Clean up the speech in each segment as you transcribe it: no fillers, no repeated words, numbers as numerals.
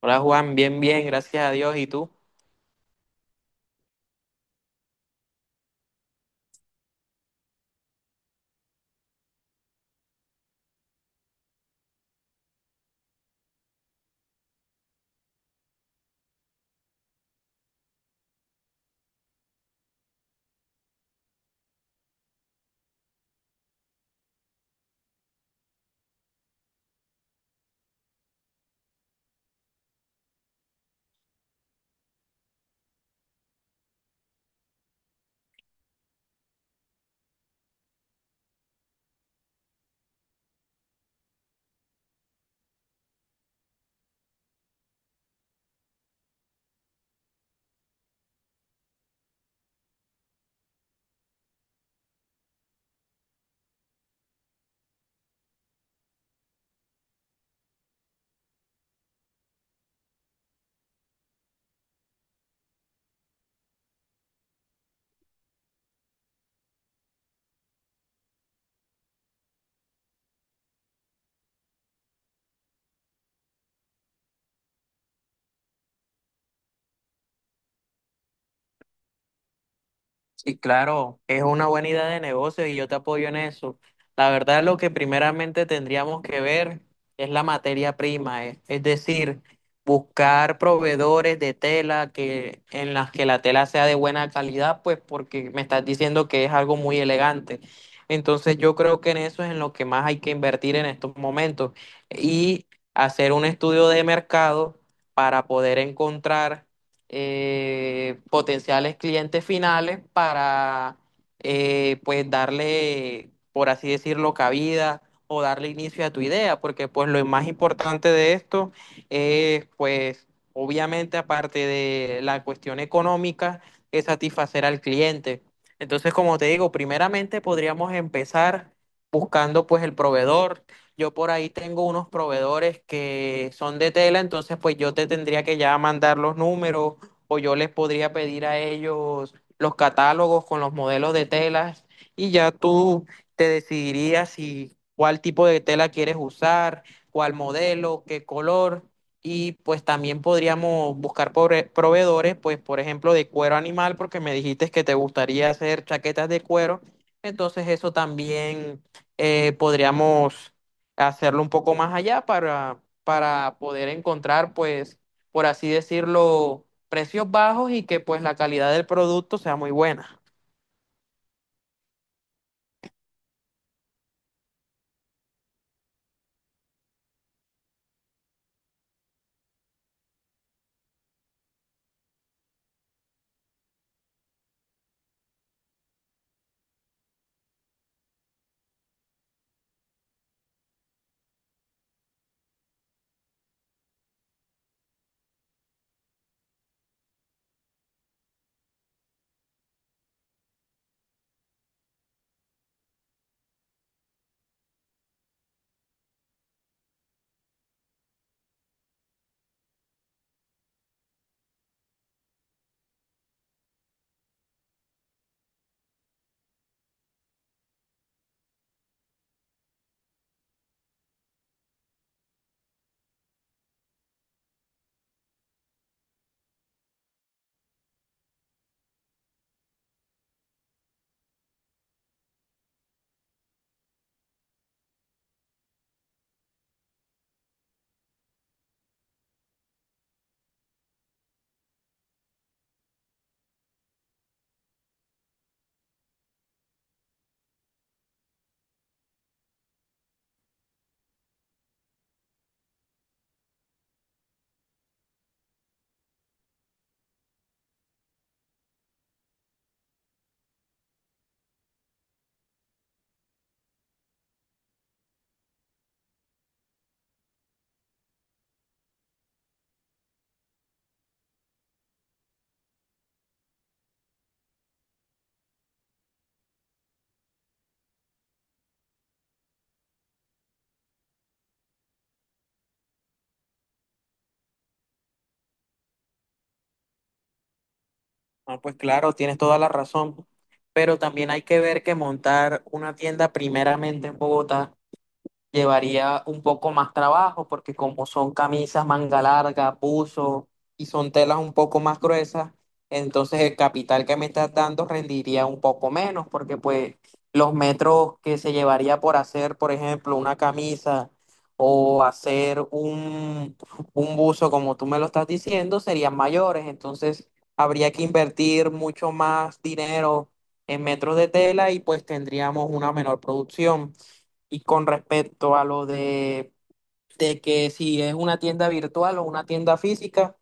Hola Juan, bien, gracias a Dios. ¿Y tú? Sí, claro, es una buena idea de negocio y yo te apoyo en eso. La verdad, lo que primeramente tendríamos que ver es la materia prima, es decir, buscar proveedores de tela que en las que la tela sea de buena calidad, pues porque me estás diciendo que es algo muy elegante. Entonces, yo creo que en eso es en lo que más hay que invertir en estos momentos y hacer un estudio de mercado para poder encontrar potenciales clientes finales para pues darle, por así decirlo, cabida o darle inicio a tu idea, porque pues lo más importante de esto es, pues, obviamente, aparte de la cuestión económica, es satisfacer al cliente. Entonces, como te digo, primeramente podríamos empezar buscando pues el proveedor. Yo por ahí tengo unos proveedores que son de tela, entonces pues yo te tendría que ya mandar los números, o yo les podría pedir a ellos los catálogos con los modelos de telas y ya tú te decidirías si cuál tipo de tela quieres usar, cuál modelo, qué color. Y pues también podríamos buscar proveedores, pues, por ejemplo, de cuero animal, porque me dijiste que te gustaría hacer chaquetas de cuero. Entonces eso también podríamos hacerlo un poco más allá para poder encontrar, pues, por así decirlo, precios bajos y que pues la calidad del producto sea muy buena. Ah, pues claro, tienes toda la razón, pero también hay que ver que montar una tienda primeramente en Bogotá llevaría un poco más trabajo, porque como son camisas manga larga, buzo, y son telas un poco más gruesas, entonces el capital que me estás dando rendiría un poco menos, porque pues los metros que se llevaría por hacer, por ejemplo, una camisa o hacer un buzo como tú me lo estás diciendo serían mayores. Entonces habría que invertir mucho más dinero en metros de tela y pues tendríamos una menor producción. Y con respecto a lo de que si es una tienda virtual o una tienda física,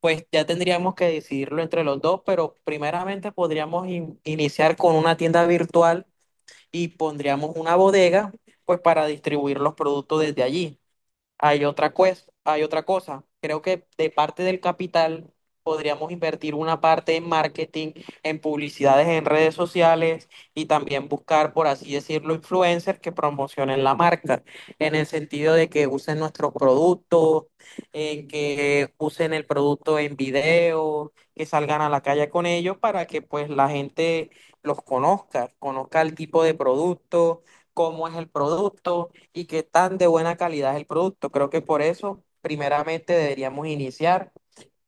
pues ya tendríamos que decidirlo entre los dos, pero primeramente podríamos iniciar con una tienda virtual y pondríamos una bodega, pues para distribuir los productos desde allí. Hay otra cosa. Creo que de parte del capital podríamos invertir una parte en marketing, en publicidades en redes sociales, y también buscar, por así decirlo, influencers que promocionen la marca, en el sentido de que usen nuestros productos, en que usen el producto en video, que salgan a la calle con ellos para que pues la gente los conozca, conozca el tipo de producto, cómo es el producto y qué tan de buena calidad es el producto. Creo que por eso, primeramente, deberíamos iniciar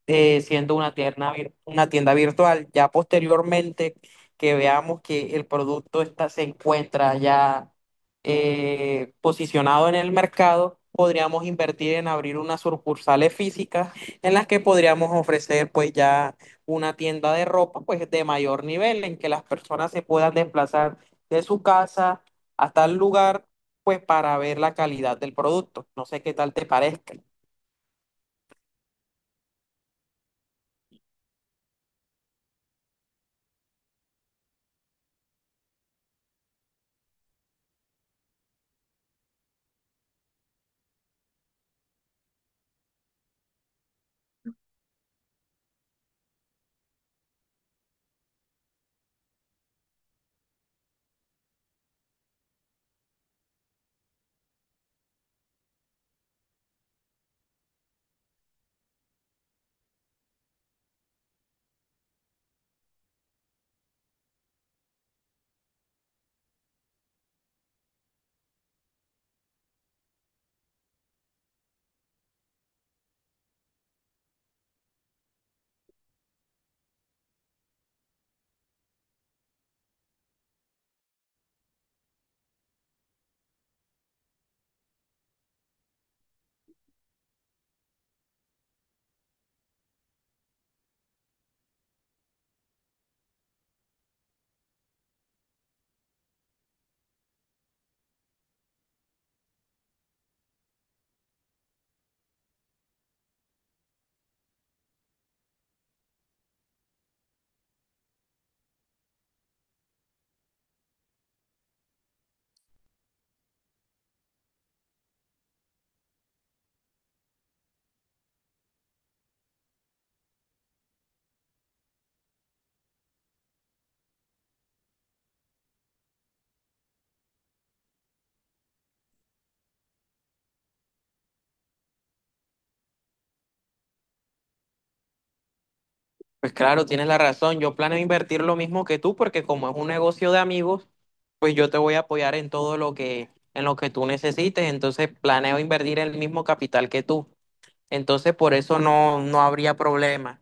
siendo una tienda, una tienda virtual. Ya posteriormente que veamos que el producto está, se encuentra ya posicionado en el mercado, podríamos invertir en abrir unas sucursales físicas en las que podríamos ofrecer pues ya una tienda de ropa, pues de mayor nivel, en que las personas se puedan desplazar de su casa hasta el lugar, pues para ver la calidad del producto. No sé qué tal te parezca. Pues claro, tienes la razón. Yo planeo invertir lo mismo que tú, porque como es un negocio de amigos, pues yo te voy a apoyar en todo lo que tú necesites. Entonces planeo invertir el mismo capital que tú. Entonces, por eso no habría problema.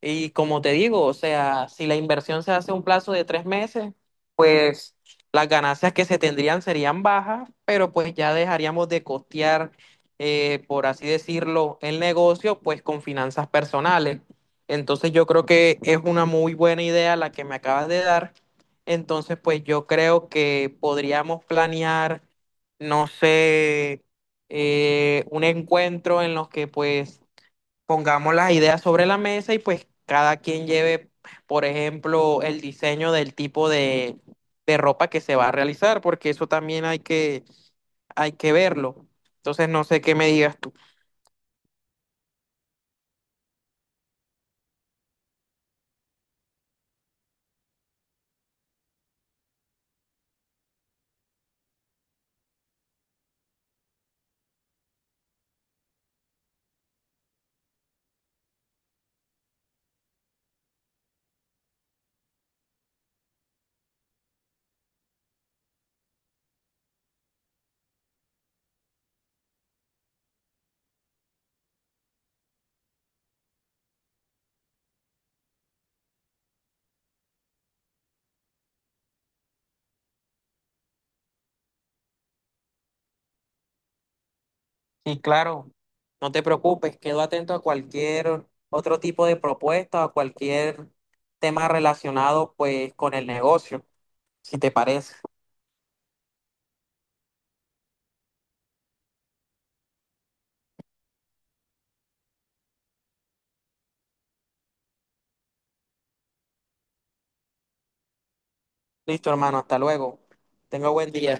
Y como te digo, o sea, si la inversión se hace a un plazo de 3 meses, pues las ganancias que se tendrían serían bajas, pero pues ya dejaríamos de costear, por así decirlo, el negocio, pues con finanzas personales. Entonces yo creo que es una muy buena idea la que me acabas de dar. Entonces, pues yo creo que podríamos planear, no sé, un encuentro en los que pues pongamos las ideas sobre la mesa y pues cada quien lleve, por ejemplo, el diseño del tipo de ropa que se va a realizar, porque eso también hay que verlo. Entonces no sé qué me digas tú. Y claro, no te preocupes, quedo atento a cualquier otro tipo de propuesta o cualquier tema relacionado pues con el negocio, si te parece. Listo, hermano, hasta luego. Tenga buen día.